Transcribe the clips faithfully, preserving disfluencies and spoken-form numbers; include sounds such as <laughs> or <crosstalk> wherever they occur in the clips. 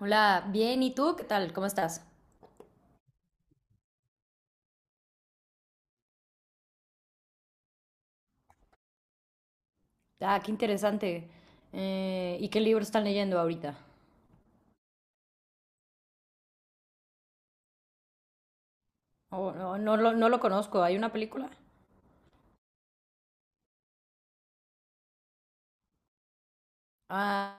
Hola, bien, ¿y tú? ¿Qué tal? ¿Cómo estás? Ah, qué interesante. Eh, ¿y qué libro están leyendo ahorita? Oh, no, no, lo, no lo conozco. ¿Hay una película? Ah,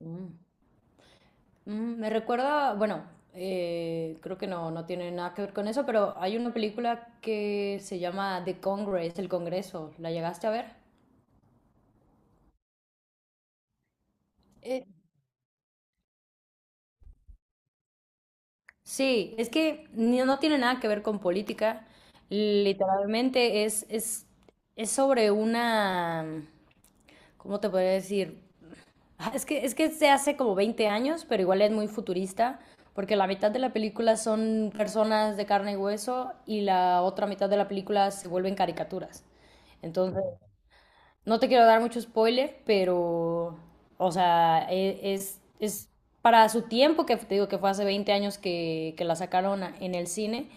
mm, mm, Me recuerda, bueno, eh, creo que no, no tiene nada que ver con eso, pero hay una película que se llama The Congress, El Congreso. ¿La llegaste a ver? Eh, Sí, es que ni- no tiene nada que ver con política. Literalmente es, es, es sobre una... ¿cómo te podría decir? Ah, es que, es que se hace como veinte años, pero igual es muy futurista, porque la mitad de la película son personas de carne y hueso y la otra mitad de la película se vuelven caricaturas. Entonces, no te quiero dar mucho spoiler, pero, o sea, e- es, es para su tiempo, que te digo que fue hace veinte años que, que la sacaron a- en el cine,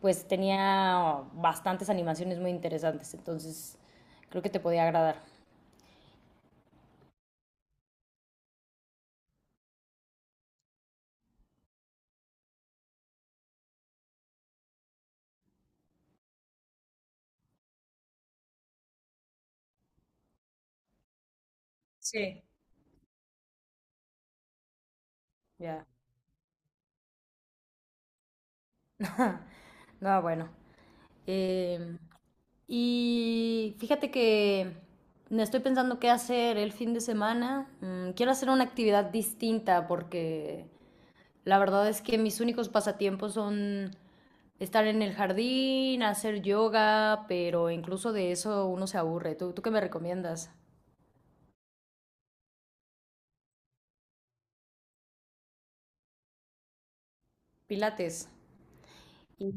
pues tenía bastantes animaciones muy interesantes, entonces creo que te podía agradar. Sí. Ya. <laughs> No, bueno. Em, y fíjate que me estoy pensando qué hacer el fin de semana. Mm, quiero hacer una actividad distinta porque la verdad es que mis únicos pasatiempos son estar en el jardín, hacer yoga, pero incluso de eso uno se aburre. ¿Tú, tú qué me recomiendas? Pilates. Y-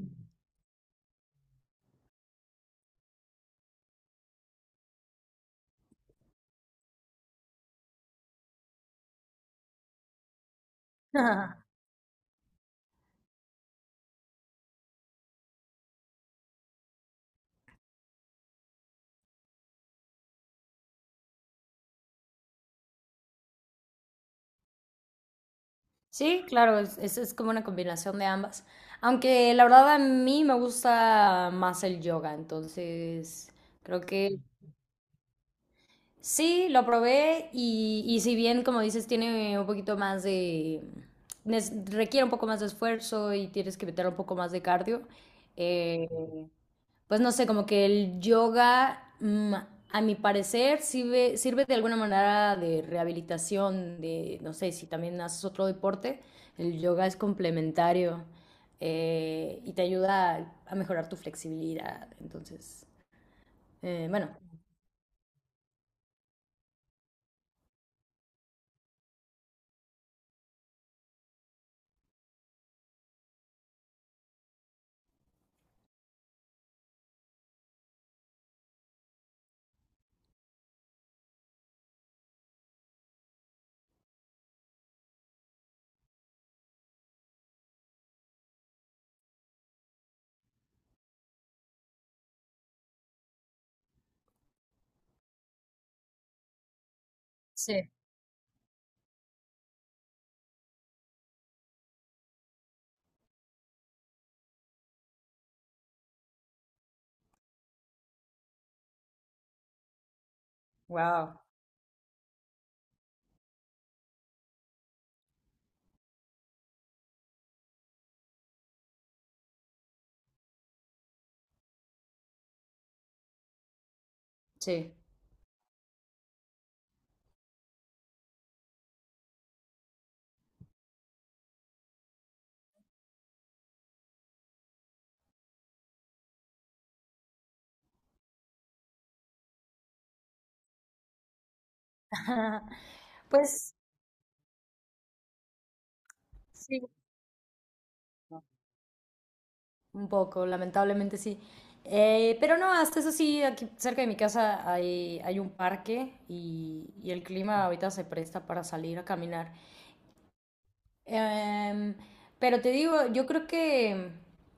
<laughs> Sí, claro, es, es- es como una combinación de ambas. Aunque la verdad a mí me gusta más el yoga, entonces creo que sí, lo probé y, y si bien, como dices, tiene un poquito más de... nes- requiere un poco más de esfuerzo y tienes que meter un poco más de cardio, eh, pues no sé, como que el yoga, mm, a mi parecer, sirve, sirve de alguna manera de rehabilitación, de, no sé, si también haces otro deporte, el yoga es complementario, eh, y te ayuda a, a mejorar tu flexibilidad. Entonces, eh, bueno. Sí. Wow. Sí. <laughs> Pues sí. Un poco, lamentablemente sí. Eh, pero no, hasta eso sí, aquí cerca de mi casa hay, hay un parque y, y el clima ahorita se presta para salir a caminar. Em, pero te digo, yo creo que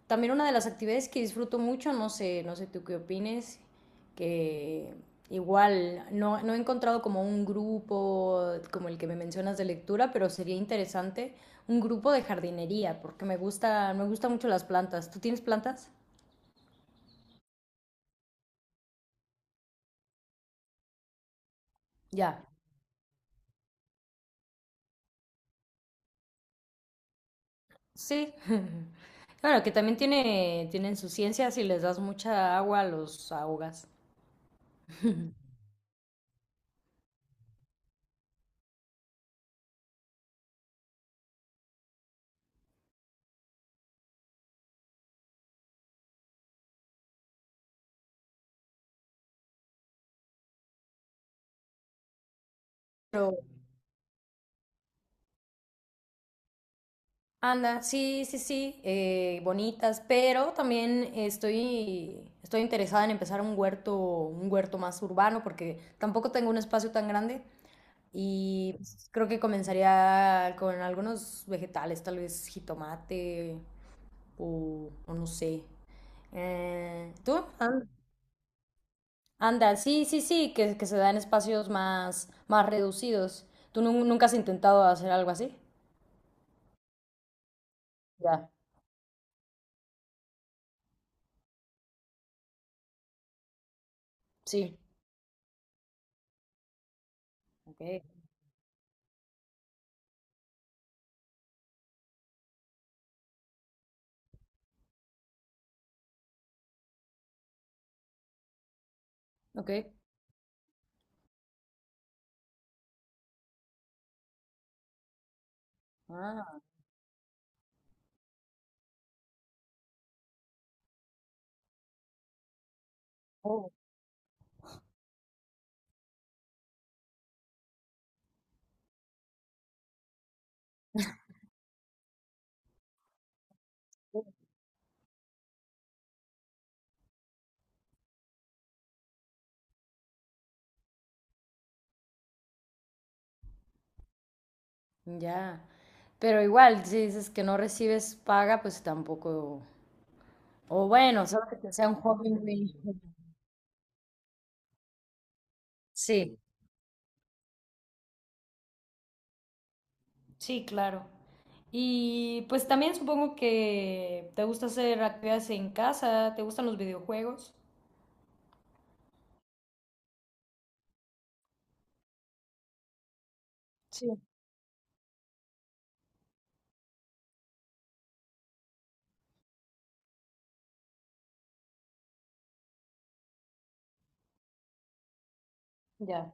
también una de las actividades que disfruto mucho, no sé, no sé tú qué opines, que igual no, no he encontrado como un grupo como el que me mencionas de lectura, pero sería interesante un grupo de jardinería, porque me gusta, me gustan mucho las plantas. ¿Tú tienes plantas? Ya, sí. <laughs> Claro, que también tiene, tienen su ciencia, si les das mucha agua, los ahogas. Pero, anda, sí, sí, sí, eh, bonitas, pero también estoy, estoy interesada en empezar un huerto, un huerto más urbano, porque tampoco tengo un espacio tan grande y pues, creo que comenzaría con algunos vegetales, tal vez jitomate o, o no sé. Eh, ¿tú? Anda, sí, sí, sí, que, que se da en espacios más, más reducidos. ¿Tú nu- nunca has intentado hacer algo así? Ya, sí. Ok, ok. Ah, oh, ya. Pero igual, si dices que no recibes paga, pues tampoco. O bueno, solo que sea un hobby muy... Sí, sí, claro. Y pues también supongo que te gusta hacer actividades en casa, te gustan los videojuegos. Sí, ya.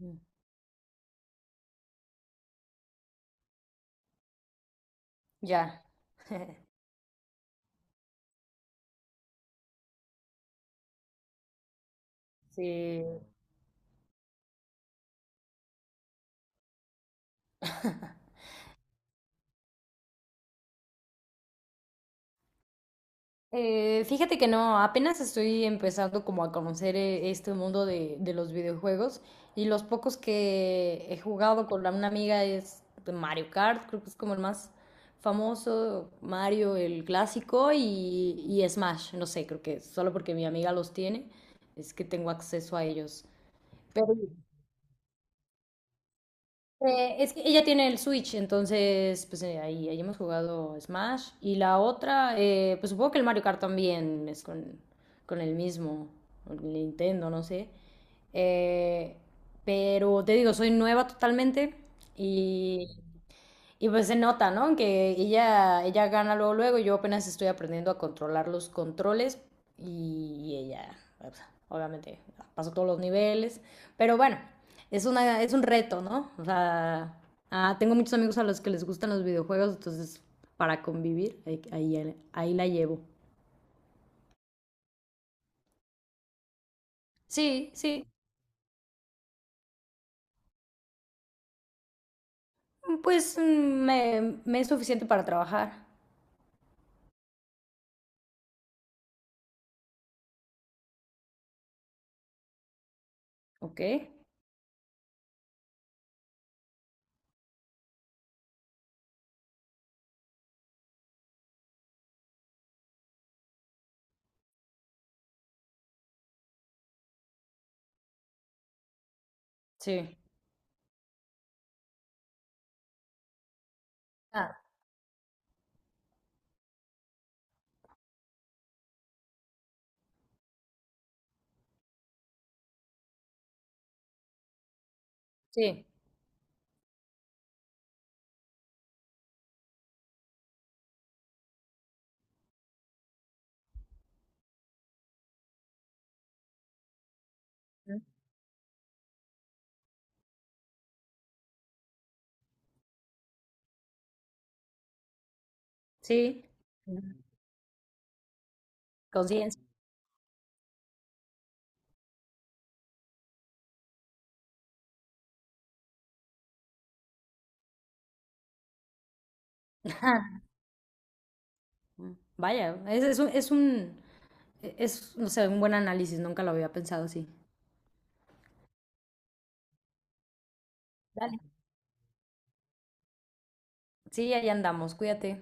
Mm. Ya. <laughs> Sí. Eh, fíjate que no, apenas estoy empezando como a conocer, eh, este mundo de, de los videojuegos y los pocos que he jugado con la- una amiga es de Mario Kart, creo que es como el más famoso, Mario el clásico y, y Smash, no sé, creo que solo porque mi amiga los tiene es que tengo acceso a ellos. Eh, es que ella tiene el Switch, entonces pues eh, ahí, ahí hemos jugado Smash. Y la otra, eh, pues supongo que el Mario Kart también es con, con el mismo, con el Nintendo, no sé. Eh, pero te digo, soy nueva totalmente y y pues se nota, ¿no? Que ella, ella gana luego, luego, yo apenas estoy aprendiendo a controlar los controles y ella, pues, obviamente, pasó todos los niveles, pero bueno, es, una, es un reto, ¿no? O sea, ah, tengo muchos amigos a los que les gustan los videojuegos, entonces para convivir, ahí, ahí, ahí la llevo. Sí, sí, pues mm, me, me es suficiente para trabajar, ¿ok? Sí. Ah, sí, sí, conciencia. <laughs> Vaya, es, es un, es un, es, no sé, un buen análisis, nunca lo había pensado así. Dale. Sí, ahí andamos, cuídate.